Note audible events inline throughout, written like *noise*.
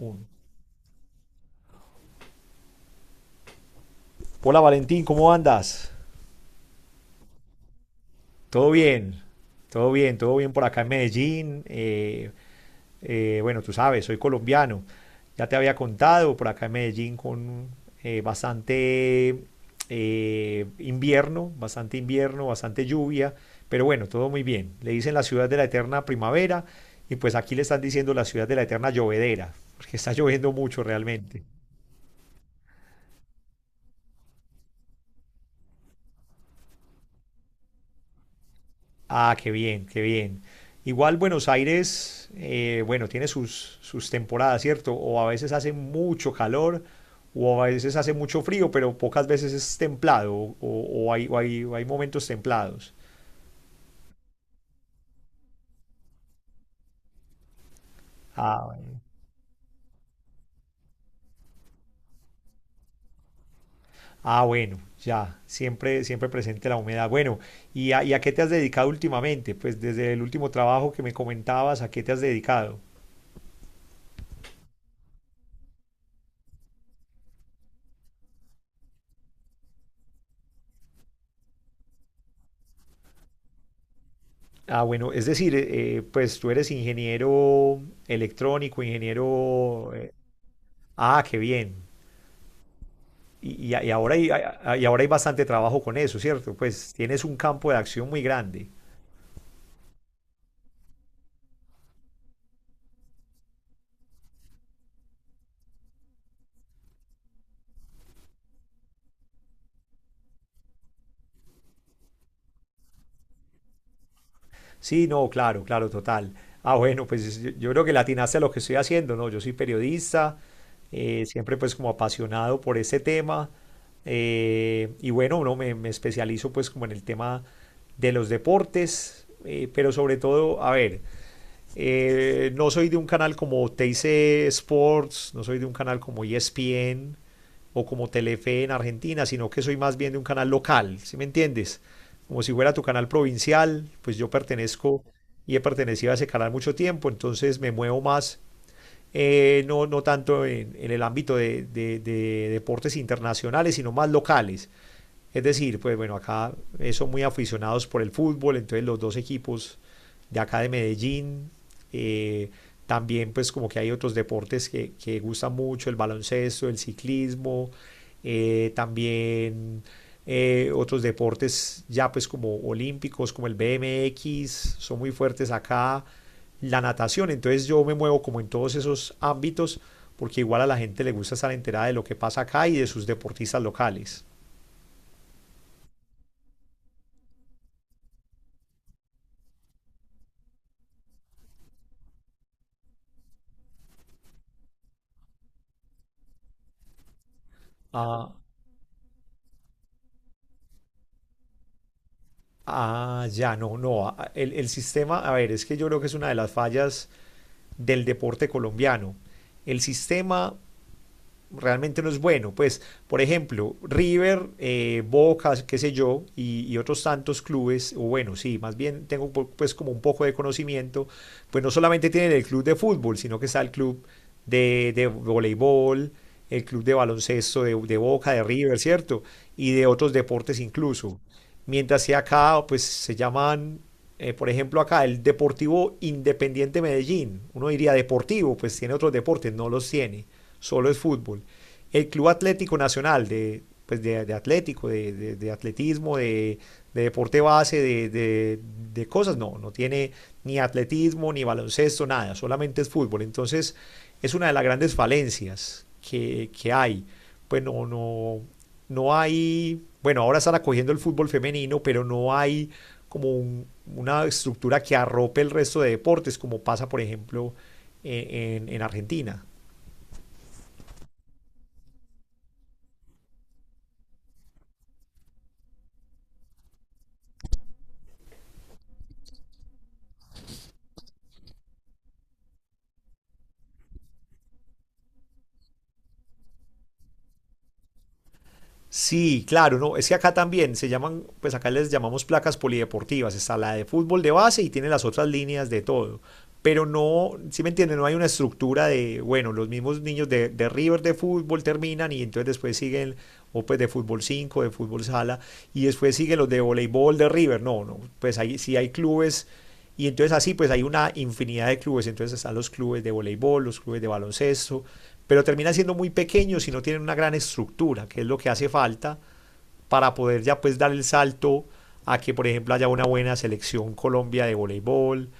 Un. Hola Valentín, ¿cómo andas? Todo bien, todo bien por acá en Medellín. Bueno, tú sabes, soy colombiano. Ya te había contado por acá en Medellín con bastante invierno, bastante lluvia, pero bueno, todo muy bien. Le dicen la ciudad de la eterna primavera y pues aquí le están diciendo la ciudad de la eterna llovedera, porque está *laughs* lloviendo mucho realmente. Ah, qué bien, qué bien. Igual Buenos Aires, bueno, tiene sus temporadas, ¿cierto? O a veces hace mucho calor, o a veces hace mucho frío, pero pocas veces es templado, o hay momentos templados. Ah, bueno. Ah, bueno, ya, siempre, siempre presente la humedad. Bueno, ¿ y a qué te has dedicado últimamente? Pues desde el último trabajo que me comentabas, ¿a qué te has dedicado? Ah, bueno, es decir, pues tú eres ingeniero electrónico, ingeniero Ah, qué bien. Y ahora y ahora hay bastante trabajo con eso, ¿cierto? Pues tienes un campo de acción muy grande. Sí, no, claro, claro, total. Ah, bueno, pues yo creo que latinaste a lo que estoy haciendo, ¿no? Yo soy periodista, siempre pues como apasionado por ese tema. Y bueno, no, me especializo pues como en el tema de los deportes, pero sobre todo, a ver, no soy de un canal como TIC Sports, no soy de un canal como ESPN o como Telefe en Argentina, sino que soy más bien de un canal local, ¿sí me entiendes? Como si fuera tu canal provincial, pues yo pertenezco y he pertenecido a ese canal mucho tiempo, entonces me muevo más no, no tanto en el ámbito de deportes internacionales, sino más locales. Es decir, pues bueno, acá son muy aficionados por el fútbol, entonces los dos equipos de acá de Medellín, eh, también pues como que hay otros deportes que gustan mucho, el baloncesto, el ciclismo, también otros deportes ya pues como olímpicos, como el BMX, son muy fuertes acá la natación. Entonces yo me muevo como en todos esos ámbitos porque igual a la gente le gusta estar enterada de lo que pasa acá y de sus deportistas locales. Ah, ah, ya, no, no. Ah, el sistema, a ver, es que yo creo que es una de las fallas del deporte colombiano. El sistema realmente no es bueno. Pues, por ejemplo, River, Boca, qué sé yo, y otros tantos clubes, o bueno, sí, más bien tengo pues como un poco de conocimiento, pues no solamente tienen el club de fútbol, sino que está el club de voleibol, el club de baloncesto de Boca, de River, ¿cierto? Y de otros deportes incluso. Mientras que acá, pues se llaman por ejemplo, acá el Deportivo Independiente Medellín, uno diría deportivo, pues tiene otros deportes, no los tiene, solo es fútbol. El Club Atlético Nacional pues de, atlético, de atletismo, de deporte base, de cosas, no, no tiene ni atletismo, ni baloncesto, nada, solamente es fútbol. Entonces es una de las grandes falencias que hay. Pues no, no, no hay, bueno, ahora están acogiendo el fútbol femenino, pero no hay como un, una estructura que arrope el resto de deportes, como pasa, por ejemplo, en Argentina. Sí, claro, no, es que acá también se llaman, pues acá les llamamos placas polideportivas, está la de fútbol de base y tiene las otras líneas de todo, pero no, si me entienden, no hay una estructura de, bueno, los mismos niños de River de fútbol terminan y entonces después siguen, o pues de fútbol 5, de fútbol sala, y después siguen los de voleibol de River, no, no, pues ahí sí hay clubes. Y entonces así pues hay una infinidad de clubes, entonces están los clubes de voleibol, los clubes de baloncesto, pero terminan siendo muy pequeños y no tienen una gran estructura, que es lo que hace falta para poder ya pues dar el salto a que por ejemplo haya una buena selección Colombia de voleibol,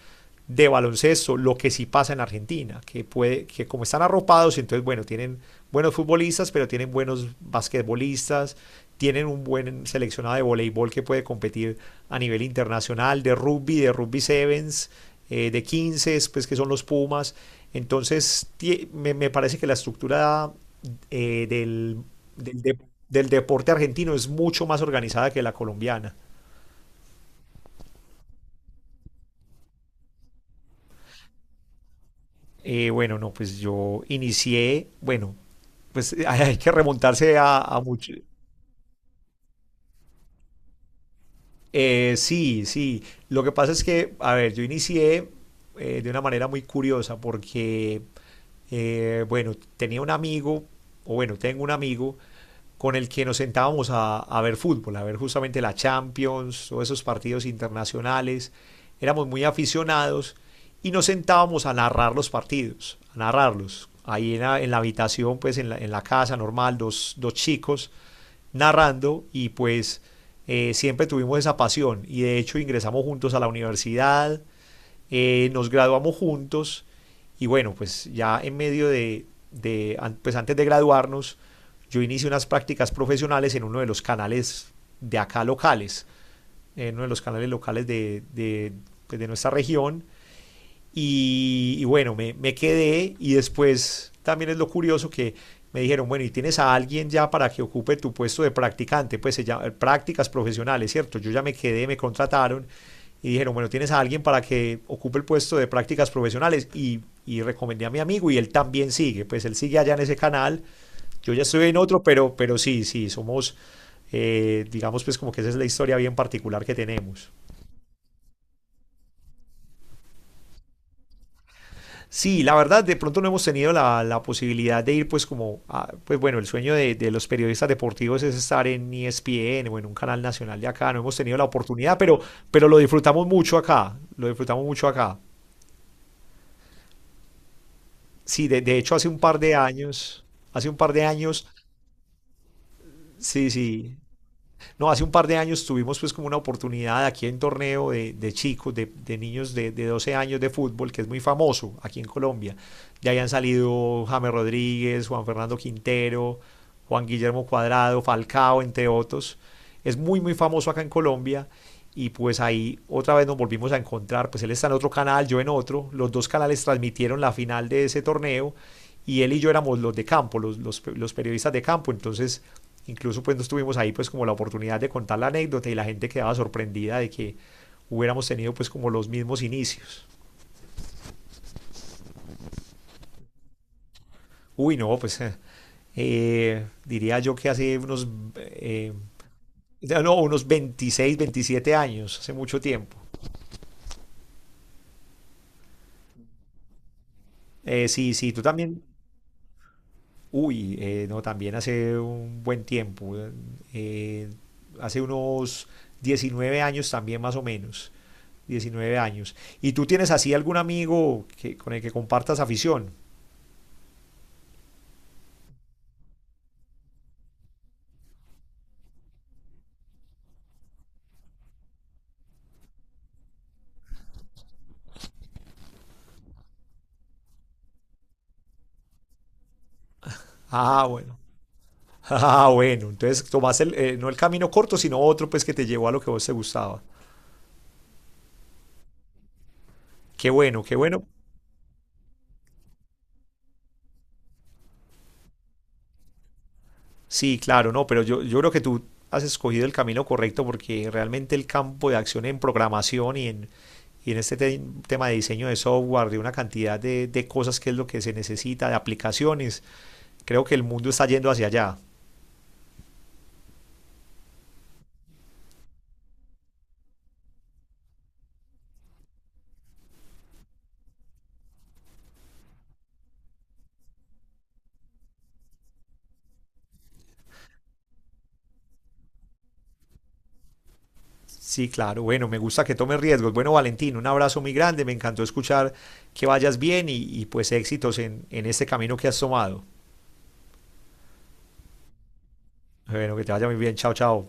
de baloncesto, lo que sí pasa en Argentina, que puede, que como están arropados, entonces bueno, tienen buenos futbolistas, pero tienen buenos basquetbolistas, tienen un buen seleccionado de voleibol que puede competir a nivel internacional, de rugby sevens, de 15, pues que son los Pumas. Entonces, me parece que la estructura eh, del, del, de del deporte argentino es mucho más organizada que la colombiana. Bueno, no, pues yo inicié, bueno, pues *laughs* hay que remontarse a mucho. Sí, sí. Lo que pasa es que, a ver, yo inicié de una manera muy curiosa porque, bueno, tenía un amigo, o bueno, tengo un amigo con el que nos sentábamos a ver fútbol, a ver justamente la Champions, todos esos partidos internacionales. Éramos muy aficionados y nos sentábamos a narrar los partidos, a narrarlos. Ahí en en la habitación, pues en en la casa normal, dos chicos narrando y pues siempre tuvimos esa pasión y de hecho ingresamos juntos a la universidad, nos graduamos juntos y bueno, pues ya en medio pues antes de graduarnos, yo inicié unas prácticas profesionales en uno de los canales de acá locales, en uno de los canales locales pues de nuestra región. Y bueno, me quedé y después también es lo curioso que me dijeron, bueno, ¿y tienes a alguien ya para que ocupe tu puesto de practicante? Pues se llama, prácticas profesionales, ¿cierto? Yo ya me quedé, me contrataron y dijeron, bueno, ¿tienes a alguien para que ocupe el puesto de prácticas profesionales? Y recomendé a mi amigo y él también sigue, pues él sigue allá en ese canal, yo ya estoy en otro, pero sí, sí, somos, digamos, pues como que esa es la historia bien particular que tenemos. Sí, la verdad, de pronto no hemos tenido la posibilidad de ir, pues como, a- pues bueno, el sueño de los periodistas deportivos es estar en ESPN o en un canal nacional de acá, no hemos tenido la oportunidad, pero lo disfrutamos mucho acá, lo disfrutamos mucho acá. Sí, de hecho hace un par de años, hace un par de años, sí, sí, no, hace un par de años tuvimos pues como una oportunidad aquí en torneo de chicos, de niños 12 años de fútbol, que es muy famoso aquí en Colombia. Ya habían salido James Rodríguez, Juan Fernando Quintero, Juan Guillermo Cuadrado, Falcao, entre otros. Es muy, muy famoso acá en Colombia y pues ahí otra vez nos volvimos a encontrar, pues él está en otro canal, yo en otro, los dos canales transmitieron la final de ese torneo y él y yo éramos los de campo, los periodistas de campo, entonces incluso pues nos tuvimos ahí pues como la oportunidad de contar la anécdota y la gente quedaba sorprendida de que hubiéramos tenido pues como los mismos inicios. Uy, no, pues diría yo que hace unos, eh, no, unos 26 o 27 años, hace mucho tiempo. Sí, sí, tú también, uy, no, también hace un buen tiempo, eh, hace unos 19 años también más o menos, 19 años. ¿Y tú tienes así algún amigo que, con el que compartas afición? Ah, bueno. *laughs* Ah, bueno, entonces tomaste el, no el camino corto, sino otro pues que te llevó a lo que a vos te gustaba. Qué bueno, qué bueno. Sí, claro, no, pero yo creo que tú has escogido el camino correcto porque realmente el campo de acción en programación y en, y en este tema de diseño de software, de una cantidad de cosas que es lo que se necesita, de aplicaciones, creo que el mundo está yendo hacia allá. Sí, claro, bueno, me gusta que tomes riesgos. Bueno, Valentín, un abrazo muy grande, me encantó escuchar que vayas bien y pues éxitos en este camino que has tomado. Bueno, que te vaya muy bien, chao, chao.